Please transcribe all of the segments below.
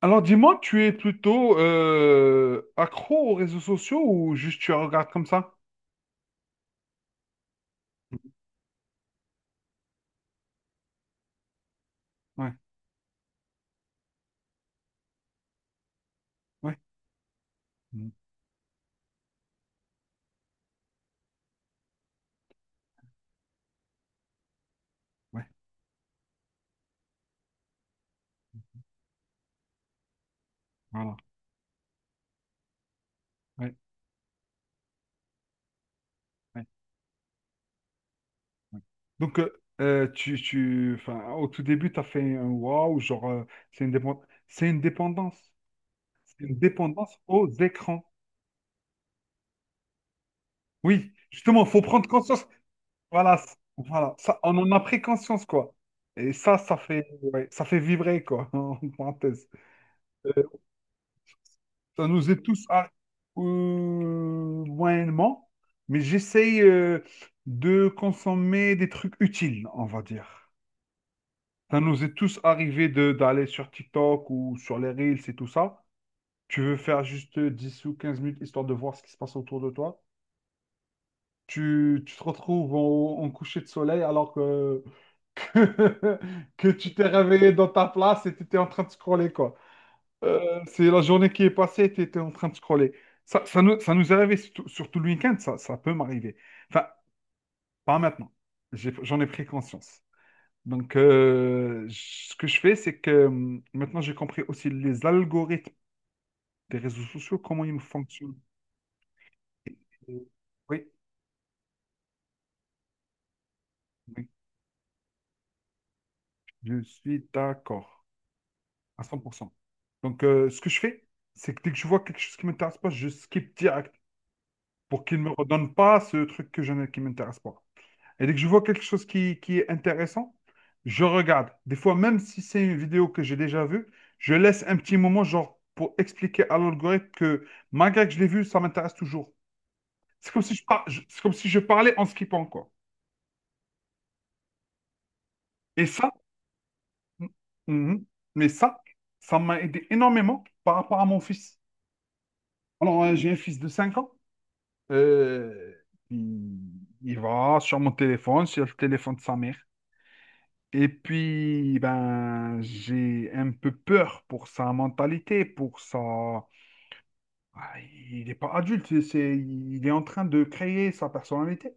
Alors dis-moi, tu es plutôt accro aux réseaux sociaux ou juste tu regardes comme ça? Ouais, ouais, mm, ouais, voilà, ouais, ouais, ouais. Donc, enfin, au tout début, tu as fait un waouh, genre, c'est une dépendance, c'est une dépendance, c'est une dépendance aux écrans. Oui, justement, faut prendre conscience. Voilà, voilà, ça, on en a pris conscience, quoi. Et ça fait, ouais, ça fait vibrer, quoi, en parenthèse. Ça nous est tous à. Moyennement, mais j'essaye de consommer des trucs utiles, on va dire. Ça nous est tous arrivé de d'aller sur TikTok ou sur les Reels et tout ça. Tu veux faire juste 10 ou 15 minutes histoire de voir ce qui se passe autour de toi. Tu te retrouves en coucher de soleil alors que, que tu t'es réveillé dans ta place et tu étais en train de scroller, quoi. Euh, c'est la journée qui est passée, tu étais en train de scroller. Ça nous est arrivé surtout le week-end, ça peut m'arriver. Enfin, pas maintenant. J'en ai pris conscience. Donc, ce que je fais, c'est que maintenant, j'ai compris aussi les algorithmes des réseaux sociaux, comment ils fonctionnent. Et- Oui, oui, je suis d'accord, à 100%. Donc, ce que je fais, c'est que dès que je vois quelque chose qui ne m'intéresse pas, je skip direct pour qu'il ne me redonne pas ce truc que je, n'ai- qui ne m'intéresse pas. Et dès que je vois quelque chose qui est intéressant, je regarde. Des fois, même si c'est une vidéo que j'ai déjà vue, je laisse un petit moment, genre, pour expliquer à l'algorithme que malgré que je l'ai vu, ça m'intéresse toujours. C'est comme si je parlais en skippant, quoi. Et ça, mhm. Mais ça m'a aidé énormément par rapport à mon fils. Alors, j'ai un fils de 5 ans. Euh, il, il va sur mon téléphone, sur le téléphone de sa mère. Et puis, ben, j'ai un peu peur pour sa mentalité, pour sa. Ah, il n'est pas adulte, il est en train de créer sa personnalité.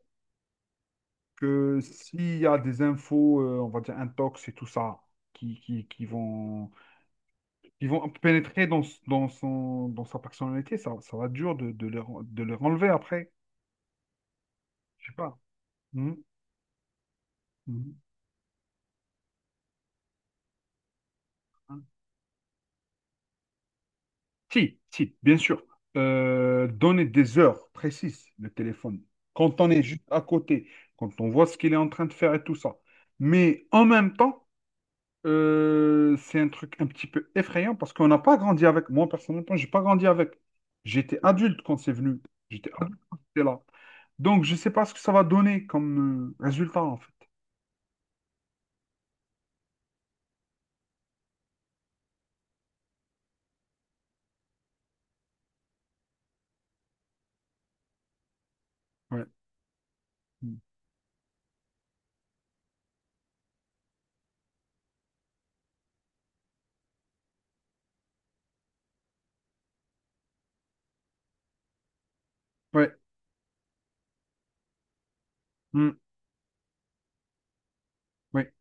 Que s'il y a des infos, on va dire intox et tout ça, qui, qui, qui vont, qui vont pénétrer dans, s- dans, son, dans sa personnalité, ça va être dur de leur enlever après. Je sais pas. Mhm. Mhm. Si, si, bien sûr. Donner des heures précises, le téléphone. Quand on est juste à côté, quand on voit ce qu'il est en train de faire et tout ça. Mais en même temps, c'est un truc un petit peu effrayant parce qu'on n'a pas grandi avec. Moi, personnellement, j'ai pas grandi avec. J'étais adulte quand c'est venu. J'étais adulte quand c'était là. Donc, je sais pas ce que ça va donner comme résultat, en fait. Ouais. Mm. Ouais. Mm. Ouais.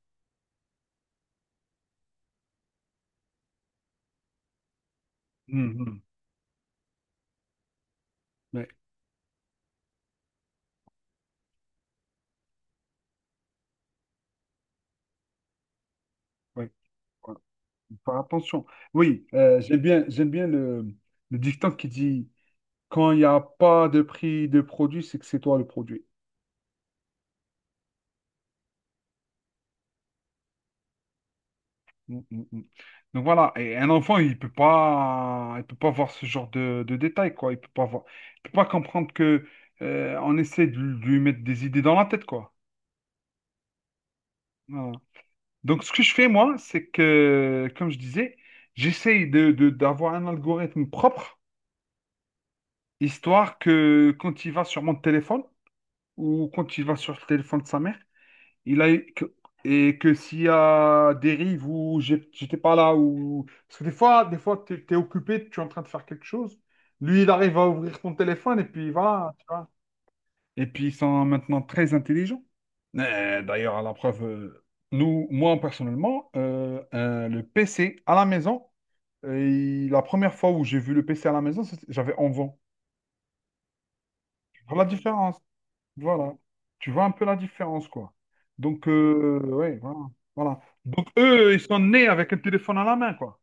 Mm. Mm. Ouais. Ouais. Ouais. Faire attention. Oui, j'aime bien le dicton qui dit quand il n'y a pas de prix de produit, c'est que c'est toi le produit. Mm, mm, mm. Donc voilà, et un enfant, il peut pas voir ce genre de détails, quoi. Il peut pas voir, il peut pas comprendre que on essaie de lui mettre des idées dans la tête, quoi. Voilà. Donc ce que je fais moi, c'est que, comme je disais, j'essaye d'avoir un algorithme propre, histoire que quand il va sur mon téléphone ou quand il va sur le téléphone de sa mère il a, que- et que s'il y a dérive ou j'étais pas là, ou. Parce que des fois, t'es occupé, tu es en train de faire quelque chose. Lui, il arrive à ouvrir ton téléphone et puis voilà, tu vois. Et puis ils sont maintenant très intelligents. D'ailleurs, à la preuve, nous, moi personnellement, le PC à la maison, euh, la première fois où j'ai vu le PC à la maison, j'avais 11 ans. Voilà la différence. Voilà. Tu vois un peu la différence, quoi. Donc, ouais, voilà. Voilà. Donc, eux, ils sont nés avec un téléphone à la main, quoi.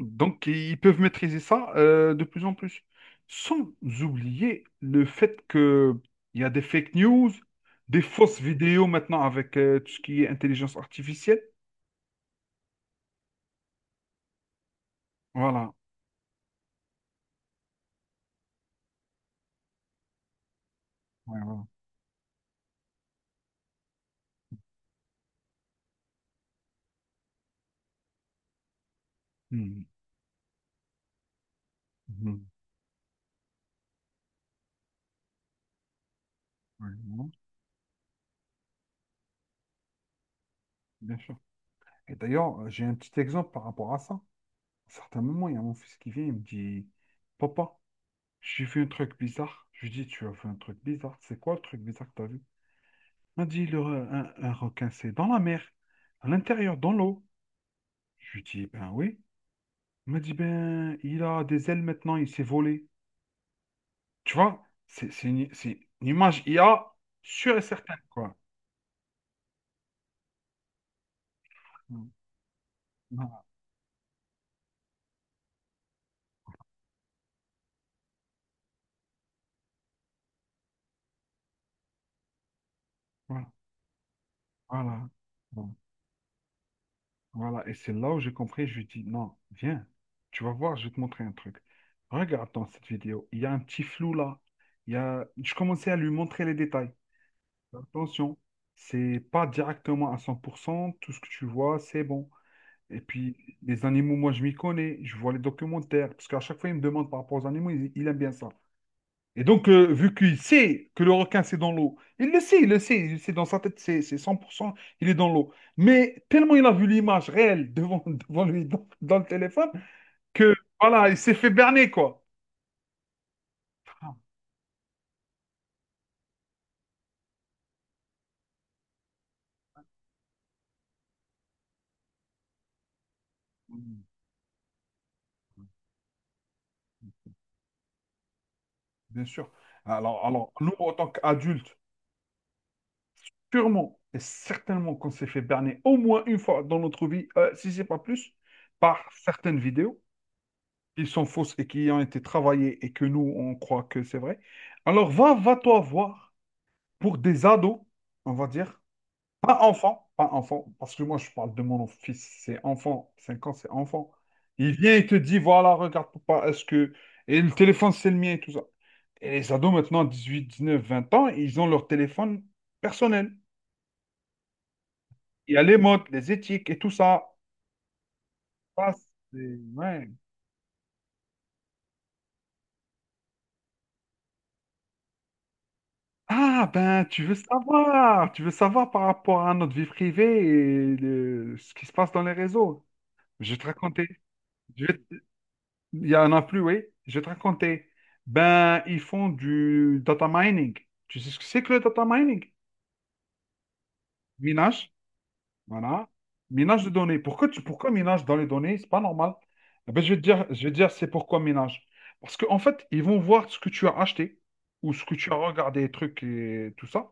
Donc, ils peuvent maîtriser ça de plus en plus. Sans oublier le fait que il y a des fake news, des fausses vidéos maintenant avec tout ce qui est intelligence artificielle. Voilà. Ouais, voilà. Mhm. Mhm. Ouais, voilà. Bien sûr. Et d'ailleurs, j'ai un petit exemple par rapport à ça. À un certain moment, il y a mon fils qui vient, il me dit, Papa, j'ai fait un truc bizarre. Je lui dis, tu as fait un truc bizarre. C'est quoi le truc bizarre que tu as vu? Il m'a dit, un requin, c'est dans la mer, à l'intérieur, dans l'eau. Je lui dis, ben oui. Il m'a dit, ben, il a des ailes maintenant, il s'est volé. Tu vois, c'est une image I A sûre et certaine, quoi. Mm. Voilà, voilà, voilà. Bon, voilà. Et c'est là où j'ai compris, je lui dis, non, viens, tu vas voir, je vais te montrer un truc. Regarde dans cette vidéo, il y a un petit flou là. Il y a. Je commençais à lui montrer les détails. Attention, c'est pas directement à 100% tout ce que tu vois, c'est bon. Et puis, les animaux, moi, je m'y connais, je vois les documentaires, parce qu'à chaque fois, il me demande par rapport aux animaux, il aime bien ça. Et donc, vu qu'il sait que le requin, c'est dans l'eau, il le sait, il le sait, il sait dans sa tête, c'est 100% il est dans l'eau. Mais tellement il a vu l'image réelle devant, devant lui, dans le téléphone, que voilà, il s'est fait berner, quoi. Ah, oui, bien sûr. Alors, nous, en tant qu'adultes, purement et certainement qu'on s'est fait berner au moins une fois dans notre vie, si c'est pas plus, par certaines vidéos qui sont fausses et qui ont été travaillées et que nous, on croit que c'est vrai. Alors va-toi voir pour des ados, on va dire, pas enfants, pas enfants, parce que moi je parle de mon fils, c'est enfant, 5 ans, c'est enfant. Il vient et te dit, voilà, regarde papa, est-ce que. Et le téléphone, c'est le mien et tout ça. Et les ados maintenant, 18 19 20 ans, ils ont leur téléphone personnel. Il y a les modes, les éthiques et tout ça. Ça, c'est- ouais. Ah, ben, tu veux savoir. Tu veux savoir par rapport à notre vie privée et ce qui se passe dans les réseaux. Je vais te raconter. Je vais- Il y en a plus, oui. Je vais te raconter. Ben, ils font du data mining. Tu sais ce que c'est que le data mining? Minage. Voilà. Minage de données. Pourquoi minage dans les données? C'est pas normal. Eh ben, je vais te dire, je vais te dire c'est pourquoi minage. Parce qu'en fait, ils vont voir ce que tu as acheté ou ce que tu as regardé, les trucs et tout ça.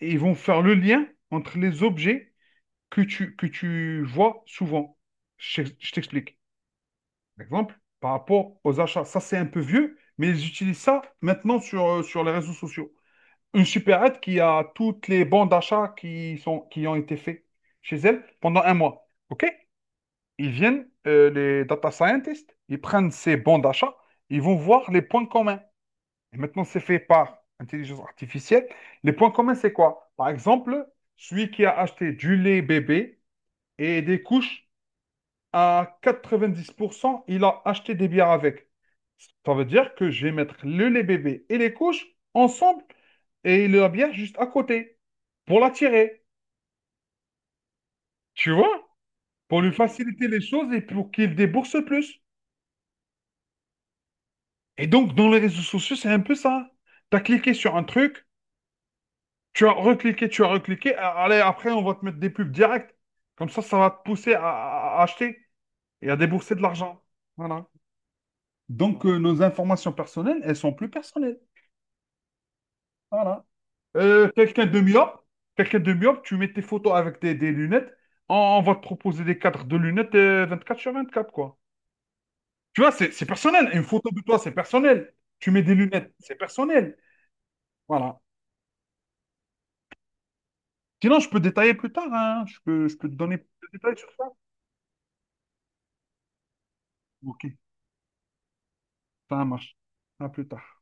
Et ils vont faire le lien entre les objets que tu vois souvent. Je t'explique. Par exemple, par rapport aux achats. Ça, c'est un peu vieux, mais ils utilisent ça maintenant sur, sur les réseaux sociaux une supérette qui a toutes les bons d'achat qui ont été faits chez elle pendant un mois. OK? Ils viennent, les data scientists, ils prennent ces bons d'achat, ils vont voir les points communs. Et maintenant, c'est fait par intelligence artificielle. Les points communs, c'est quoi? Par exemple, celui qui a acheté du lait bébé et des couches, à 90%, il a acheté des bières avec. Ça veut dire que je vais mettre le lait bébé et les couches ensemble et il la bière juste à côté pour l'attirer, tu vois, pour lui faciliter les choses et pour qu'il débourse plus. Et donc, dans les réseaux sociaux, c'est un peu ça. Tu as cliqué sur un truc, tu as recliqué, allez, après, on va te mettre des pubs directes. Comme ça va te pousser à acheter et à débourser de l'argent. Voilà. Donc, nos informations personnelles, elles sont plus personnelles. Voilà. Quelqu'un de myope, tu mets tes photos avec des lunettes, on va te proposer des cadres de lunettes 4 sur 24 quoi. Tu vois, c'est personnel. Une photo de toi, c'est personnel. Tu mets des lunettes, c'est personnel. Voilà. Sinon, je peux détailler plus tard, hein. Je peux te donner plus de détails sur ça. Ok, ça marche. À plus tard.